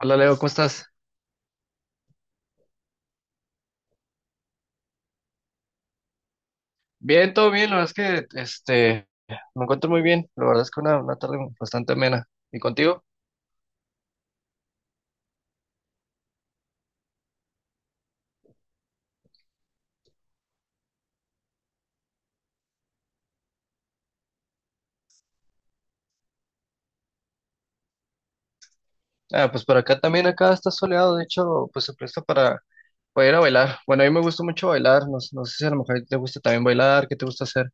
Hola Leo, ¿cómo estás? Bien, todo bien, la verdad es que me encuentro muy bien, la verdad es que una tarde bastante amena. ¿Y contigo? Ah, pues por acá también, acá está soleado, de hecho, pues se presta para ir a bailar. Bueno, a mí me gusta mucho bailar, no sé si a lo mejor te gusta también bailar, ¿qué te gusta hacer?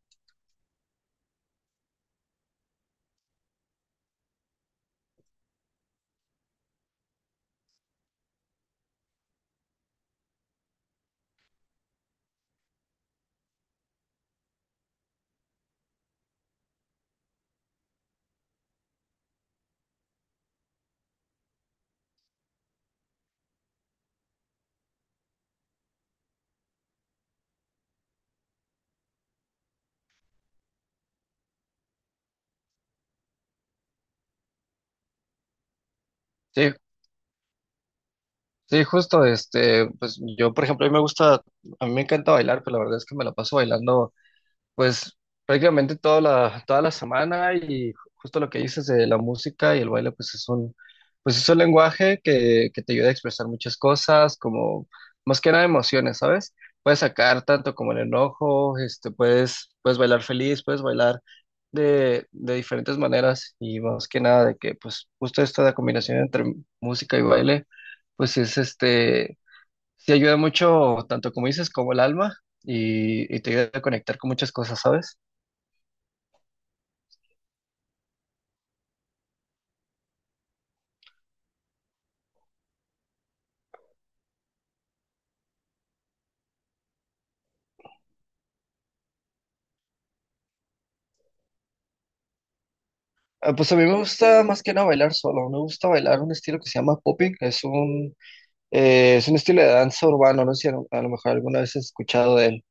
Sí, sí, justo, pues yo, por ejemplo, a mí me encanta bailar, pero la verdad es que me la paso bailando. Pues prácticamente toda la semana y justo lo que dices de la música y el baile, pues es un lenguaje que te ayuda a expresar muchas cosas, como más que nada emociones, ¿sabes? Puedes sacar tanto como el enojo, puedes bailar feliz, puedes bailar de diferentes maneras y más que nada de que pues justo esta combinación entre música y baile, pues es este. Sí, ayuda mucho, tanto como dices, como el alma, y te ayuda a conectar con muchas cosas, ¿sabes? Ah, pues a mí me gusta más que nada bailar solo, me gusta bailar un estilo que se llama popping, es un estilo de danza urbano, no sé si a lo mejor alguna vez has escuchado de él.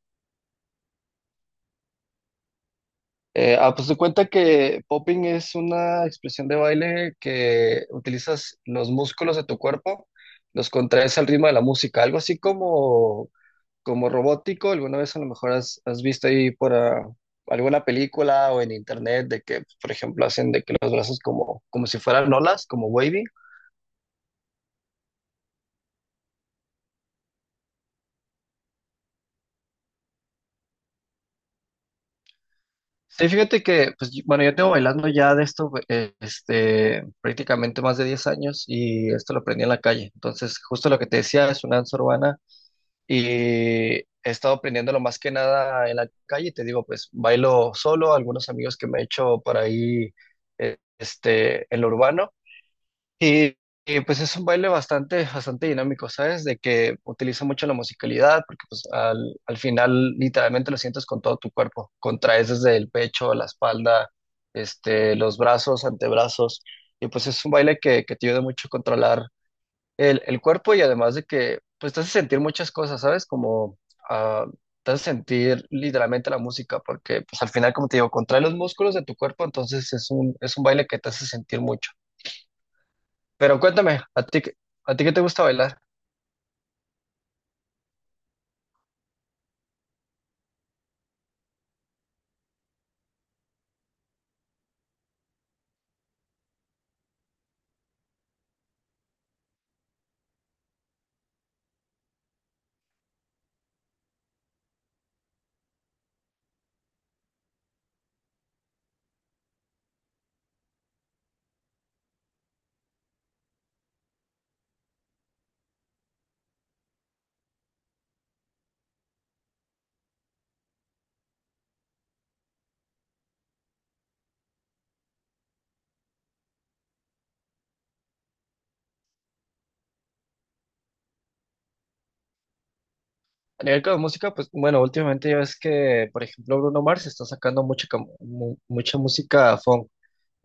Pues te cuenta que popping es una expresión de baile que utilizas los músculos de tu cuerpo, los contraes al ritmo de la música, algo así como robótico, alguna vez a lo mejor has visto ahí por ah, alguna película o en internet de que, por ejemplo, hacen de que los brazos como si fueran olas, como wavy. Sí, fíjate que, pues, yo tengo bailando ya de esto, prácticamente más de 10 años y esto lo aprendí en la calle. Entonces, justo lo que te decía es una danza urbana y he estado aprendiéndolo más que nada en la calle. Te digo, pues, bailo solo, algunos amigos que me he hecho por ahí, en lo urbano. Y, pues es un baile bastante dinámico, ¿sabes? De que utiliza mucho la musicalidad, porque pues al final literalmente lo sientes con todo tu cuerpo, contraes desde el pecho, la espalda, los brazos, antebrazos, y pues es un baile que te ayuda mucho a controlar el cuerpo y además de que pues te hace sentir muchas cosas, ¿sabes? Ah, te hace sentir literalmente la música, porque pues al final, como te digo, contrae los músculos de tu cuerpo, entonces es un baile que te hace sentir mucho. Pero cuéntame, ¿a ti qué te gusta bailar? A nivel de música, pues bueno, últimamente ya ves que, por ejemplo, Bruno Mars está sacando mucha música funk.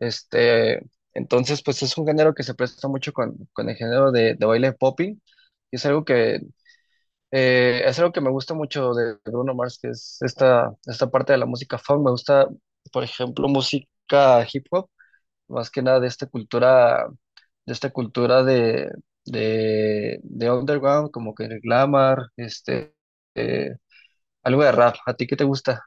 Este, entonces, pues es un género que se presta mucho con el género de baile popping. Y es algo que me gusta mucho de Bruno Mars, que es esta parte de la música funk. Me gusta, por ejemplo, música hip hop, más que nada de esta cultura. De esta cultura de underground, como que el glamour, eh, algo de rap. ¿A ti qué te gusta?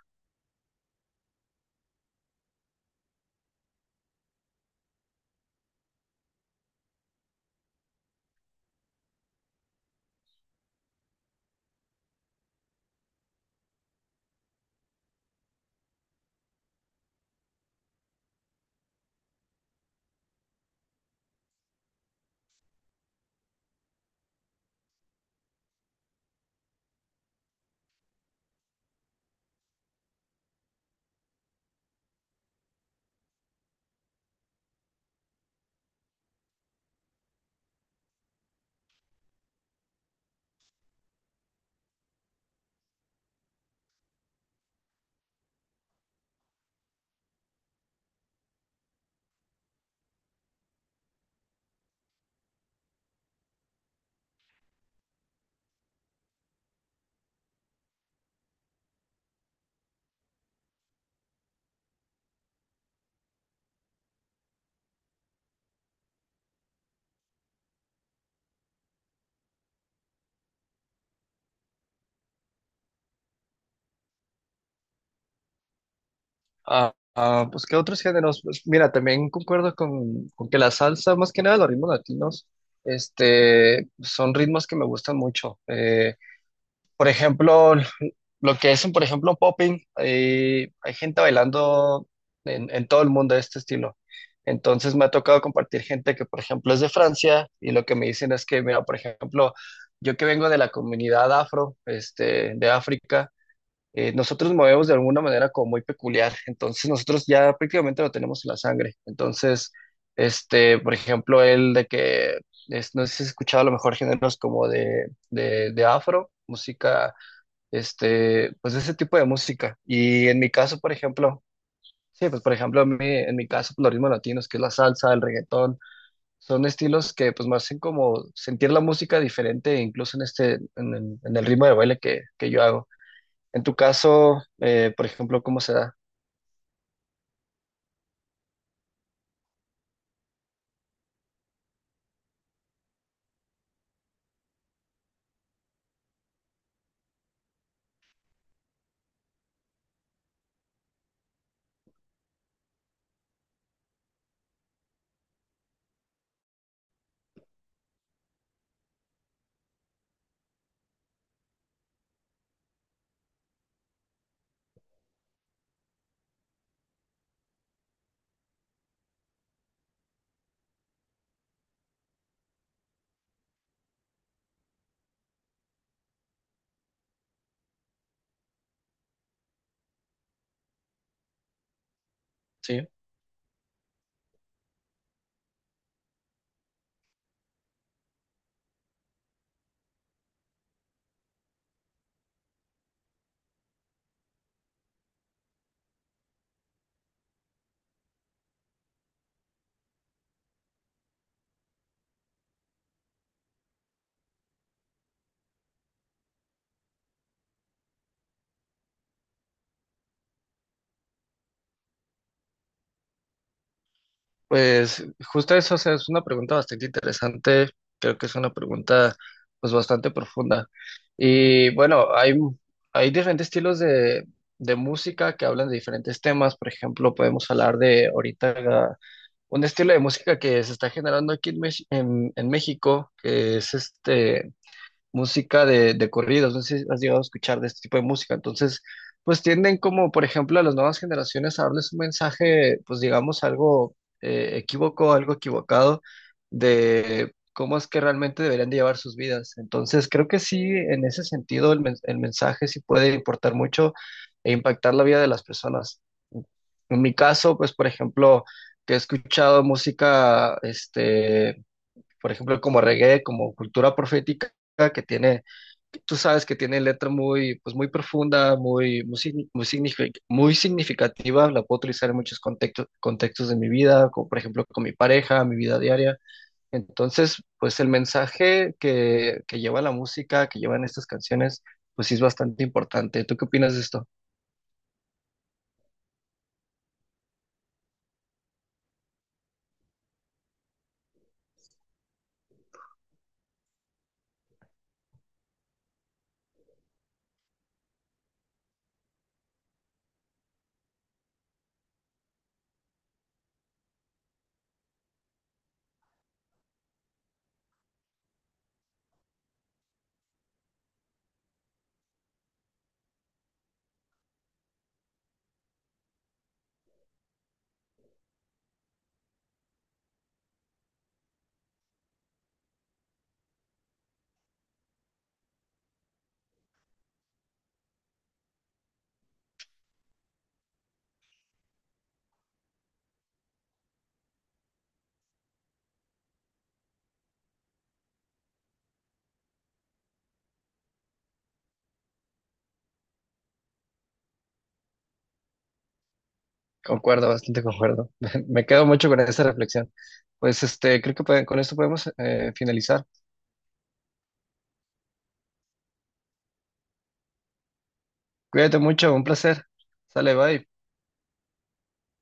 Pues, ¿qué otros géneros? Pues, mira, también concuerdo con que la salsa, más que nada los ritmos latinos, son ritmos que me gustan mucho. Por ejemplo, lo que es, por ejemplo, popping, hay gente bailando en todo el mundo de este estilo. Entonces me ha tocado compartir gente que, por ejemplo, es de Francia y lo que me dicen es que, mira, por ejemplo, yo que vengo de la comunidad afro, de África, nosotros movemos de alguna manera como muy peculiar. Entonces nosotros ya prácticamente lo tenemos en la sangre. Entonces, por ejemplo, el de que, es- no sé si has escuchado a lo mejor géneros como de afro, pues ese tipo de música. Y en mi caso, por ejemplo, sí, pues por ejemplo, en mi caso, pues, los ritmos latinos, que es la salsa, el reggaetón, son estilos que pues me hacen como sentir la música diferente, incluso en este, en el ritmo de baile que yo hago. En tu caso, por ejemplo, ¿cómo se da? Sí. Pues justo eso, o sea, es una pregunta bastante interesante, creo que es una pregunta pues bastante profunda. Y bueno, hay diferentes estilos de música que hablan de diferentes temas, por ejemplo, podemos hablar de ahorita un estilo de música que se está generando aquí en México, que es este música de corridos, no sé si has llegado a escuchar de este tipo de música, entonces, pues tienden como, por ejemplo, a las nuevas generaciones a darles un mensaje, pues digamos, algo equívoco, algo equivocado de cómo es que realmente deberían de llevar sus vidas. Entonces, creo que sí, en ese sentido, el mensaje sí puede importar mucho e impactar la vida de las personas. En mi caso, pues, por ejemplo, que he escuchado música, por ejemplo, como reggae, como cultura profética, que tiene, que tú sabes que tiene letra muy, pues muy profunda, muy significativa, la puedo utilizar en muchos contextos, contextos de mi vida, como por ejemplo con mi pareja, mi vida diaria. Entonces, pues el mensaje que lleva la música, que llevan estas canciones, pues sí es bastante importante. ¿Tú qué opinas de esto? Concuerdo, bastante concuerdo. Me quedo mucho con esa reflexión. Pues este, creo que con esto podemos finalizar. Cuídate mucho, un placer. Sale, bye.